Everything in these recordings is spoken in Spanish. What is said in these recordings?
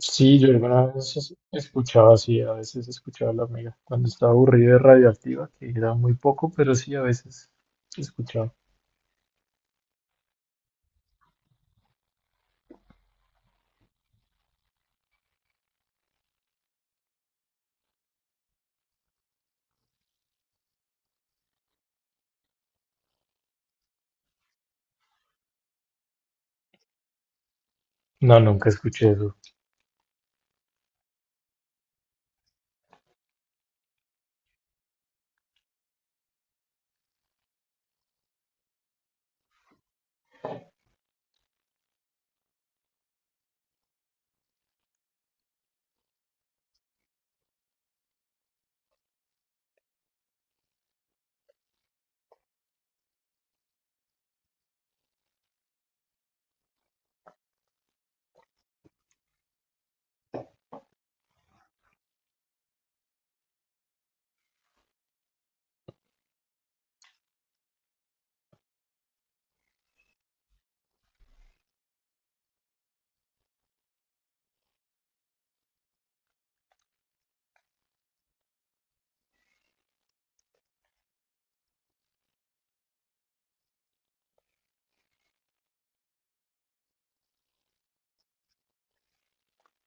Sí, yo alguna vez escuchaba así, a veces escuchaba a la amiga cuando estaba aburrida de Radioactiva, que era muy poco, pero sí a veces escuchaba. No, nunca escuché eso.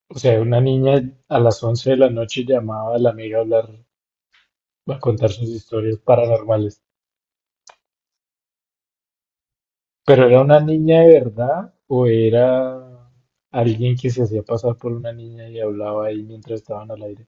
O sea, una niña a las 11 de la noche llamaba a la amiga a hablar, a contar sus historias paranormales. ¿Pero era una niña de verdad o era alguien que se hacía pasar por una niña y hablaba ahí mientras estaban al aire?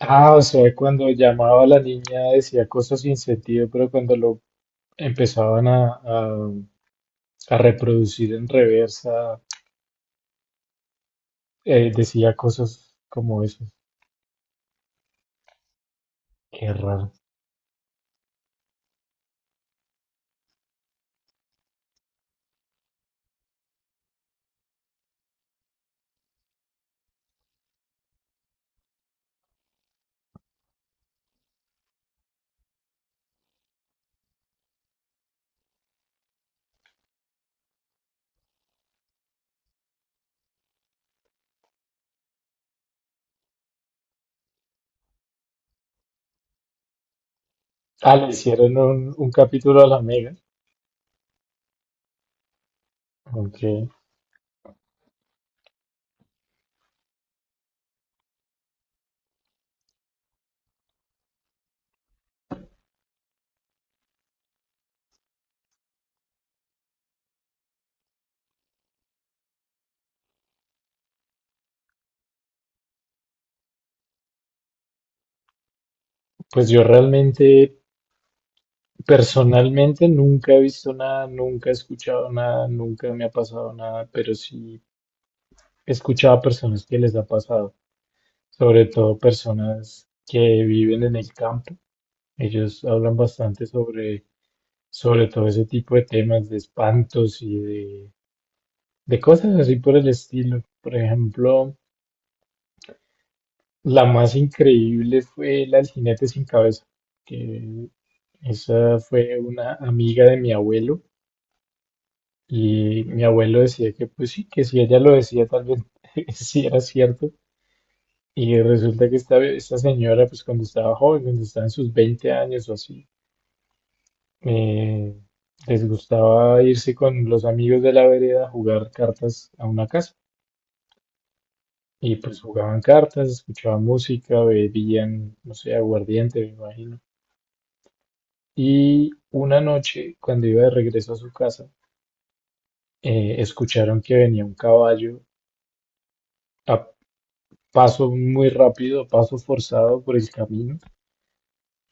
Ah, o sea, cuando llamaba a la niña decía cosas sin sentido, pero cuando lo empezaban a reproducir en reversa, decía cosas como eso. Qué raro. Ah, le hicieron un capítulo a la Mega. Ok. Pues yo realmente, personalmente, nunca he visto nada, nunca he escuchado nada, nunca me ha pasado nada, pero sí he escuchado a personas que les ha pasado, sobre todo personas que viven en el campo. Ellos hablan bastante sobre, sobre todo ese tipo de temas de espantos y de cosas así por el estilo. Por ejemplo, la más increíble fue la del jinete sin cabeza, que esa fue una amiga de mi abuelo, y mi abuelo decía que pues sí, que si ella lo decía tal vez sí era cierto. Y resulta que esta señora, pues cuando estaba joven, cuando estaba en sus 20 años o así, eh, les gustaba irse con los amigos de la vereda a jugar cartas a una casa. Y pues jugaban cartas, escuchaban música, bebían, no sé, aguardiente, me imagino. Y una noche, cuando iba de regreso a su casa, escucharon que venía un caballo a paso muy rápido, a paso forzado por el camino.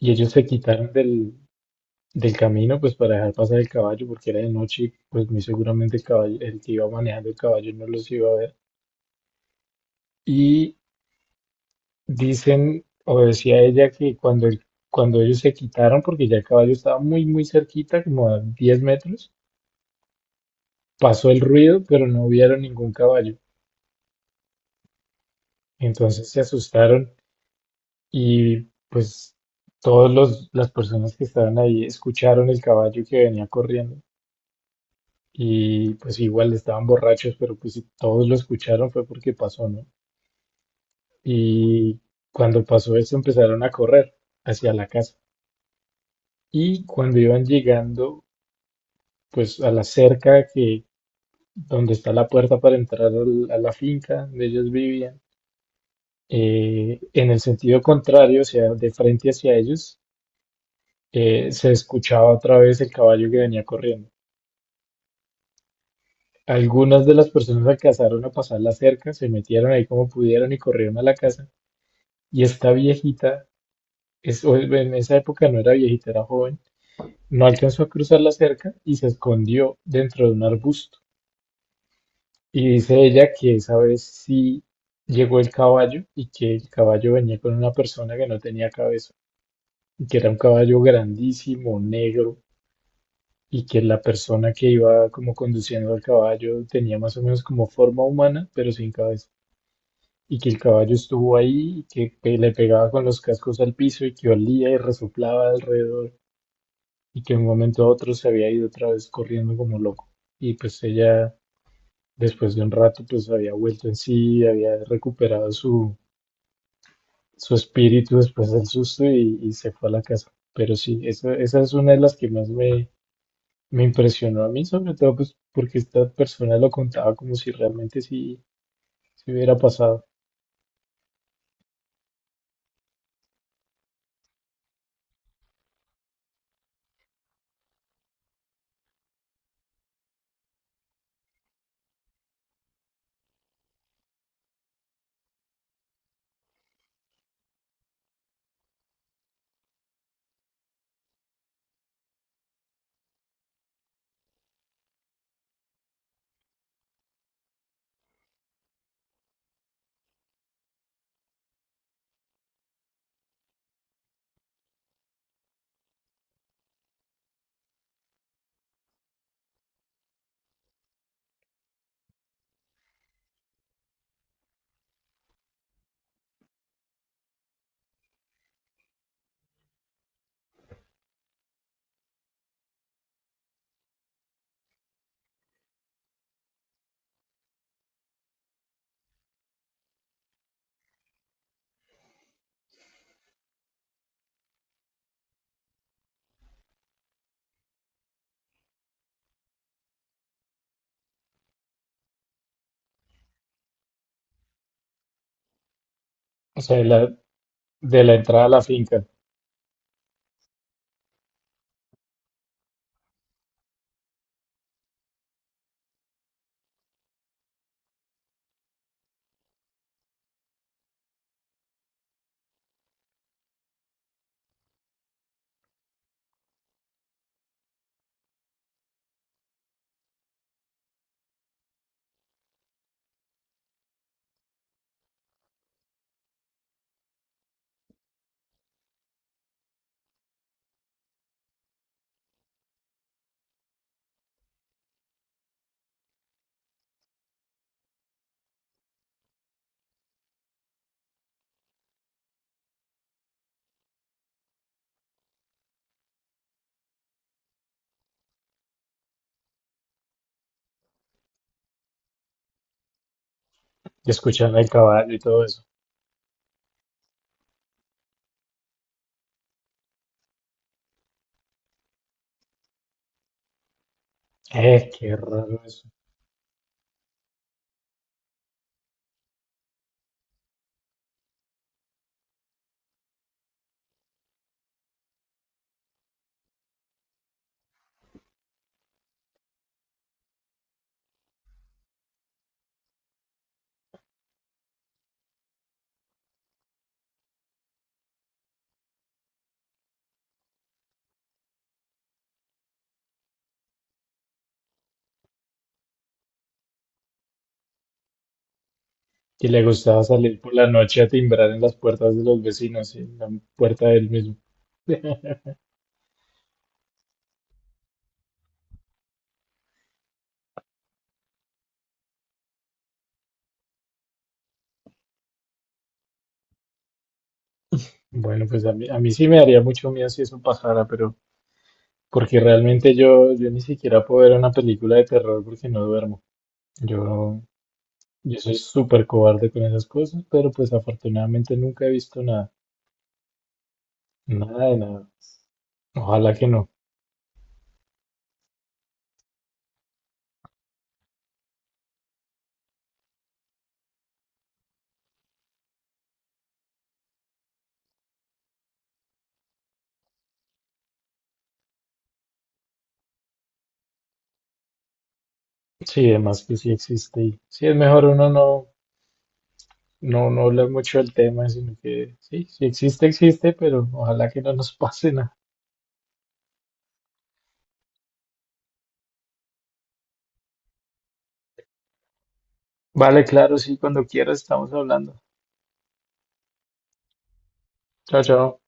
Y ellos se quitaron del camino, pues para dejar pasar el caballo, porque era de noche, y pues muy seguramente el caballo, el que iba manejando el caballo, no los iba a ver. Y dicen, o decía ella, que cuando ellos se quitaron, porque ya el caballo estaba muy, muy cerquita, como a 10 metros, pasó el ruido, pero no vieron ningún caballo. Entonces se asustaron y pues todas las personas que estaban ahí escucharon el caballo que venía corriendo. Y pues igual estaban borrachos, pero pues si todos lo escucharon fue porque pasó, ¿no? Y cuando pasó eso empezaron a correr hacia la casa. Y cuando iban llegando, pues a la cerca que donde está la puerta para entrar a la finca donde ellos vivían, en el sentido contrario, o sea, de frente hacia ellos, se escuchaba otra vez el caballo que venía corriendo. Algunas de las personas alcanzaron a pasar la cerca, se metieron ahí como pudieron y corrieron a la casa. Y esta viejita, es, o en esa época no era viejita, era joven, no alcanzó a cruzar la cerca y se escondió dentro de un arbusto. Y dice ella que esa vez sí llegó el caballo, y que el caballo venía con una persona que no tenía cabeza y que era un caballo grandísimo, negro, y que la persona que iba como conduciendo al caballo tenía más o menos como forma humana pero sin cabeza, y que el caballo estuvo ahí y que le pegaba con los cascos al piso y que olía y resoplaba alrededor, y que de un momento a otro se había ido otra vez corriendo como loco. Y pues ella, después de un rato, pues había vuelto en sí, había recuperado su, su espíritu después del susto, y se fue a la casa. Pero sí, esa es una de las que más me, me impresionó a mí, sobre todo pues porque esta persona lo contaba como si realmente sí se hubiera pasado. O sea, de de la entrada a la finca, y escuchando el caballo y todo eso. Qué raro eso. Que le gustaba salir por la noche a timbrar en las puertas de los vecinos, y en la puerta del mismo. Bueno, pues a mí sí me daría mucho miedo si eso pasara, pero porque realmente yo, yo ni siquiera puedo ver una película de terror porque no duermo. Yo, yo soy súper cobarde con esas cosas, pero pues afortunadamente nunca he visto nada, nada de nada. Ojalá que no. Sí, además que sí existe y sí es mejor uno no, no, no hablar mucho del tema, sino que sí, si existe, existe, pero ojalá que no nos pase nada. Vale, claro, sí, cuando quieras estamos hablando. Chao, chao.